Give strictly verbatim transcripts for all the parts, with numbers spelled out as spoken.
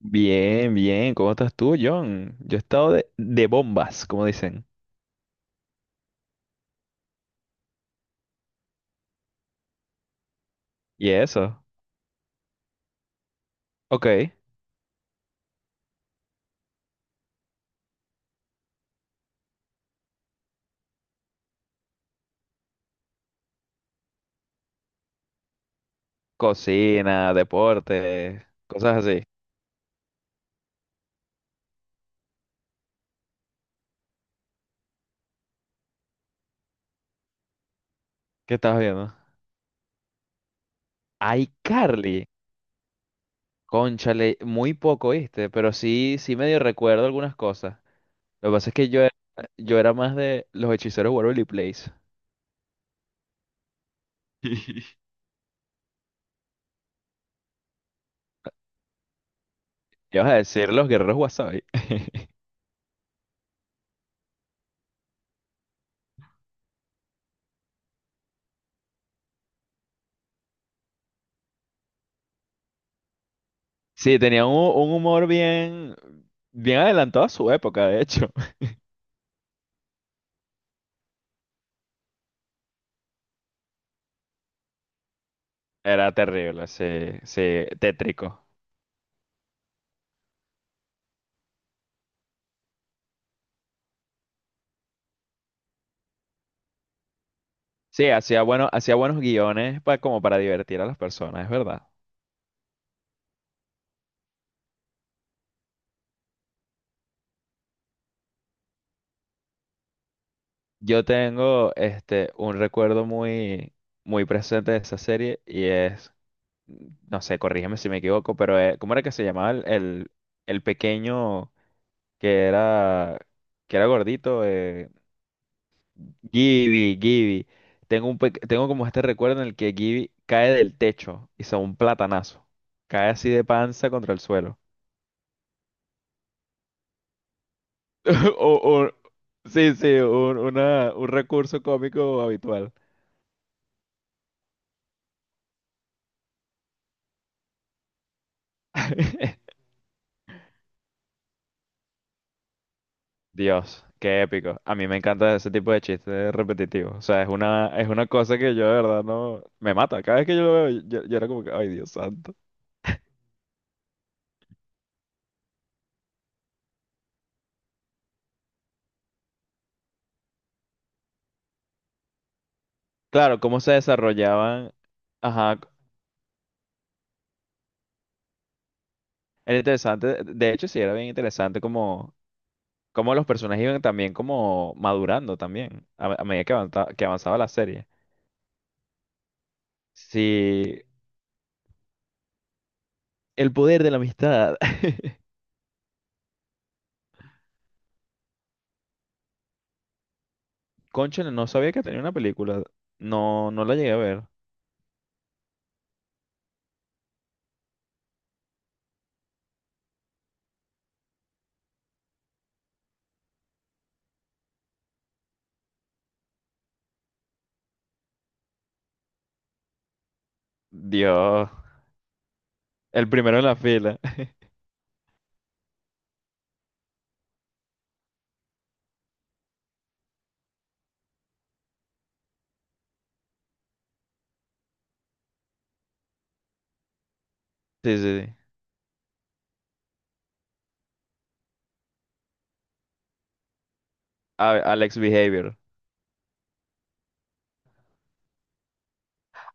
Bien, bien. ¿Cómo estás tú, John? Yo he estado de, de bombas, como dicen. ¿Y eso? Ok. Cocina, deporte, cosas así. ¿Qué estás viendo? iCarly. Cónchale, muy poco, ¿viste? Pero sí, sí medio recuerdo algunas cosas. Lo que pasa es que yo era, yo era más de los hechiceros Waverly Place. ¿Qué vas a decir los guerreros Wasabi? Sí, tenían un, un humor bien, bien adelantado a su época, de hecho. Era terrible, sí, sí, tétrico. Sí, hacía bueno, hacía buenos guiones pa- como para divertir a las personas, es verdad. Yo tengo este un recuerdo muy, muy presente de esa serie y es, no sé, corrígeme si me equivoco, pero eh, ¿cómo era que se llamaba el, el, el pequeño que era que era gordito? Eh, Gibby, Gibby. Tengo un pe- tengo como este recuerdo en el que Gibby cae del techo y se da un platanazo. Cae así de panza contra el suelo. O, o- sí, sí, un, una- un recurso cómico habitual. Dios, qué épico. A mí me encanta ese tipo de chistes repetitivos. O sea, es una, es una cosa que yo de verdad no. Me mata. Cada vez que yo lo veo, yo, yo era como que, ay, Dios santo. Claro, cómo se desarrollaban. Ajá, era interesante. De hecho, sí, era bien interesante como, como los personajes iban también como madurando también a, a medida que avanza- que avanzaba la serie. Sí, el poder de la amistad. Cónchale, no sabía que tenía una película. No, no la llegué a ver. Dios. El primero en la fila. Sí, sí, sí. A- Alex Behavior.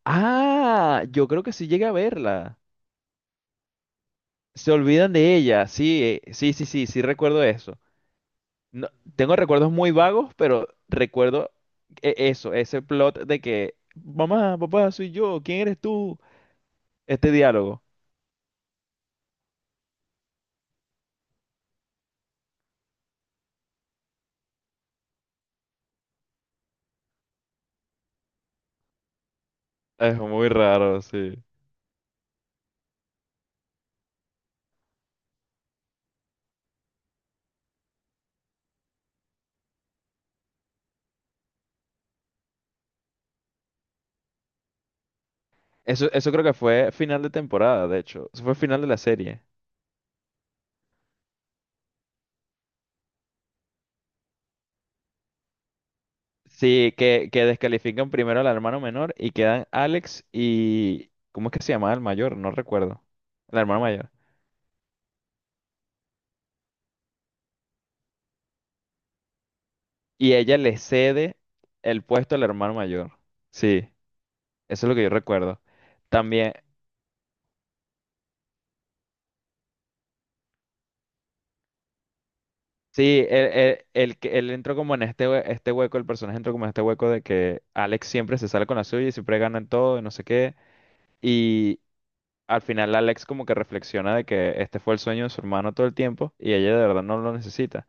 Ah, yo creo que sí llegué a verla. Se olvidan de ella. Sí, eh, sí, sí, sí, sí recuerdo eso. No- Tengo recuerdos muy vagos, pero recuerdo e- eso, ese plot de que, mamá, papá, soy yo, ¿quién eres tú? Este diálogo. Es muy raro, sí. Eso, eso creo que fue final de temporada, de hecho. Eso fue final de la serie. Sí, que, que descalifican primero al hermano menor y quedan Alex y. ¿Cómo es que se llamaba el mayor? No recuerdo. El hermano mayor. Y ella le cede el puesto al hermano mayor. Sí, eso es lo que yo recuerdo. También, sí, él, él, él que- él entró como en este, hue- este hueco, el personaje entró como en este hueco de que Alex siempre se sale con la suya y siempre gana en todo y no sé qué. Y al final Alex como que reflexiona de que este fue el sueño de su hermano todo el tiempo y ella de verdad no lo necesita.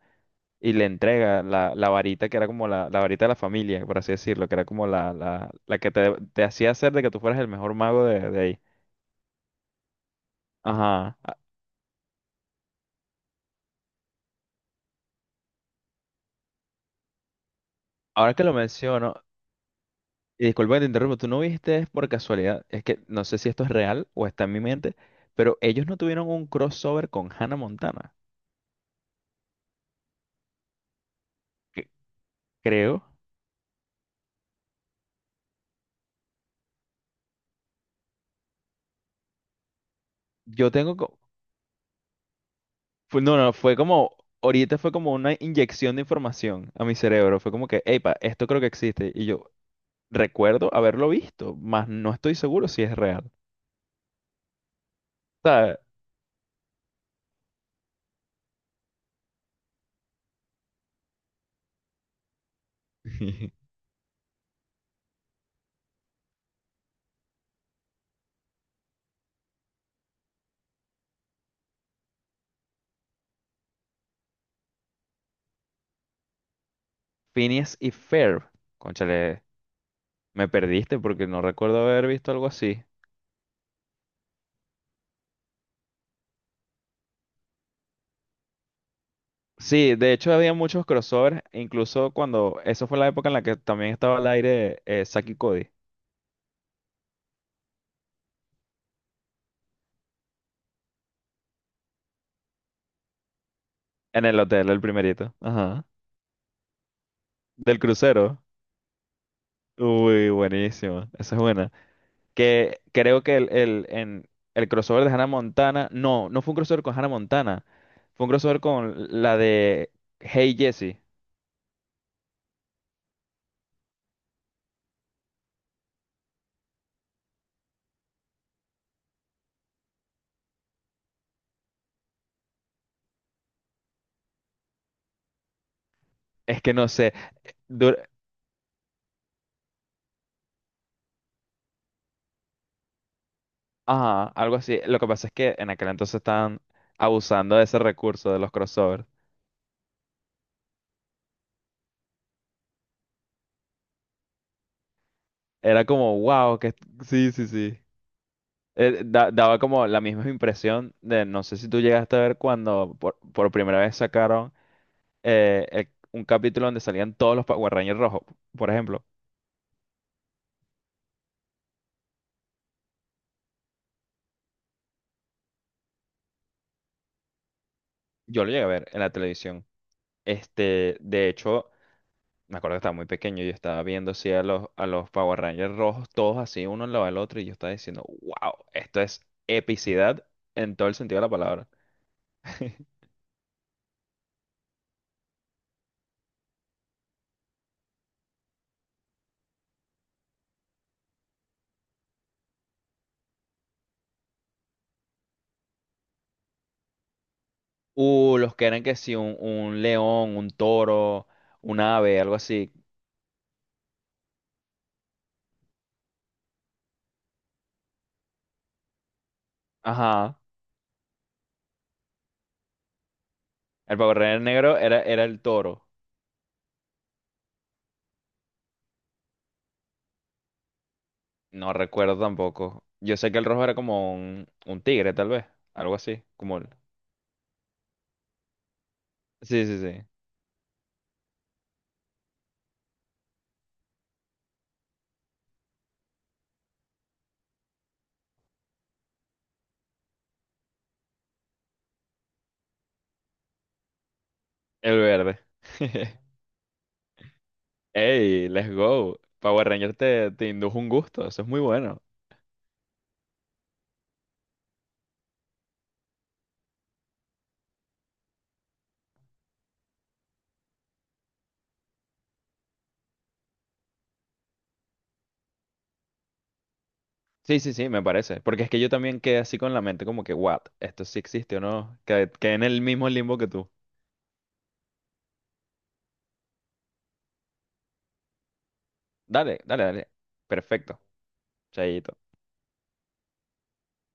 Y le entrega la, la varita que era como la, la varita de la familia, por así decirlo, que era como la, la, la que te, te hacía hacer de que tú fueras el mejor mago de, de ahí. Ajá. A- Ahora que lo menciono, y disculpa que te interrumpo, ¿tú no viste por casualidad? Es que no sé si esto es real o está en mi mente, pero ¿ellos no tuvieron un crossover con Hannah Montana? que- Creo. Yo tengo... co- fue- No, no, fue como. Ahorita fue como una inyección de información a mi cerebro. Fue como que, epa, esto creo que existe. Y yo, Recuerdo haberlo visto, mas no estoy seguro si es real. O sea. Phineas y Ferb. Cónchale, me perdiste porque no recuerdo haber visto algo así. Sí, de hecho había muchos crossovers, incluso cuando. Eso fue la época en la que también estaba al aire eh, Zack y Cody. En el hotel, el primerito. Ajá. Del crucero. Uy, buenísimo. Esa es buena. Que creo que el, el, en, el crossover de Hannah Montana, no, no fue un crossover con Hannah Montana, fue un crossover con la de Hey Jessie. Es que no sé, dur- ajá, algo así. Lo que pasa es que en aquel entonces estaban abusando de ese recurso de los crossovers. Era como, wow, que sí, sí, sí. Eh, da- daba como la misma impresión de, no sé si tú llegaste a ver cuando por, por primera vez sacaron eh, el- un capítulo donde salían todos los Power Rangers rojos, por ejemplo. Yo lo llegué a ver en la televisión. Este, de hecho, me acuerdo que estaba muy pequeño y yo estaba viendo así a los, a los Power Rangers rojos, todos así, uno al lado del otro, y yo estaba diciendo, wow, esto es epicidad en todo el sentido de la palabra. Uh, los que eran que sí, un, un león, un toro, un ave, algo así. Ajá. El Power Ranger negro era, era el toro. No recuerdo tampoco. Yo sé que el rojo era como un, un tigre, tal vez. Algo así. Como el. Sí, sí, sí. El verde. Hey, let's go. Power Ranger te, te indujo un gusto, eso es muy bueno. Sí, sí, sí, me parece. Porque es que yo también quedé así con la mente como que, what, esto sí existe o no. Que- Quedé, en el mismo limbo que tú. Dale, dale, dale. Perfecto. Chaito.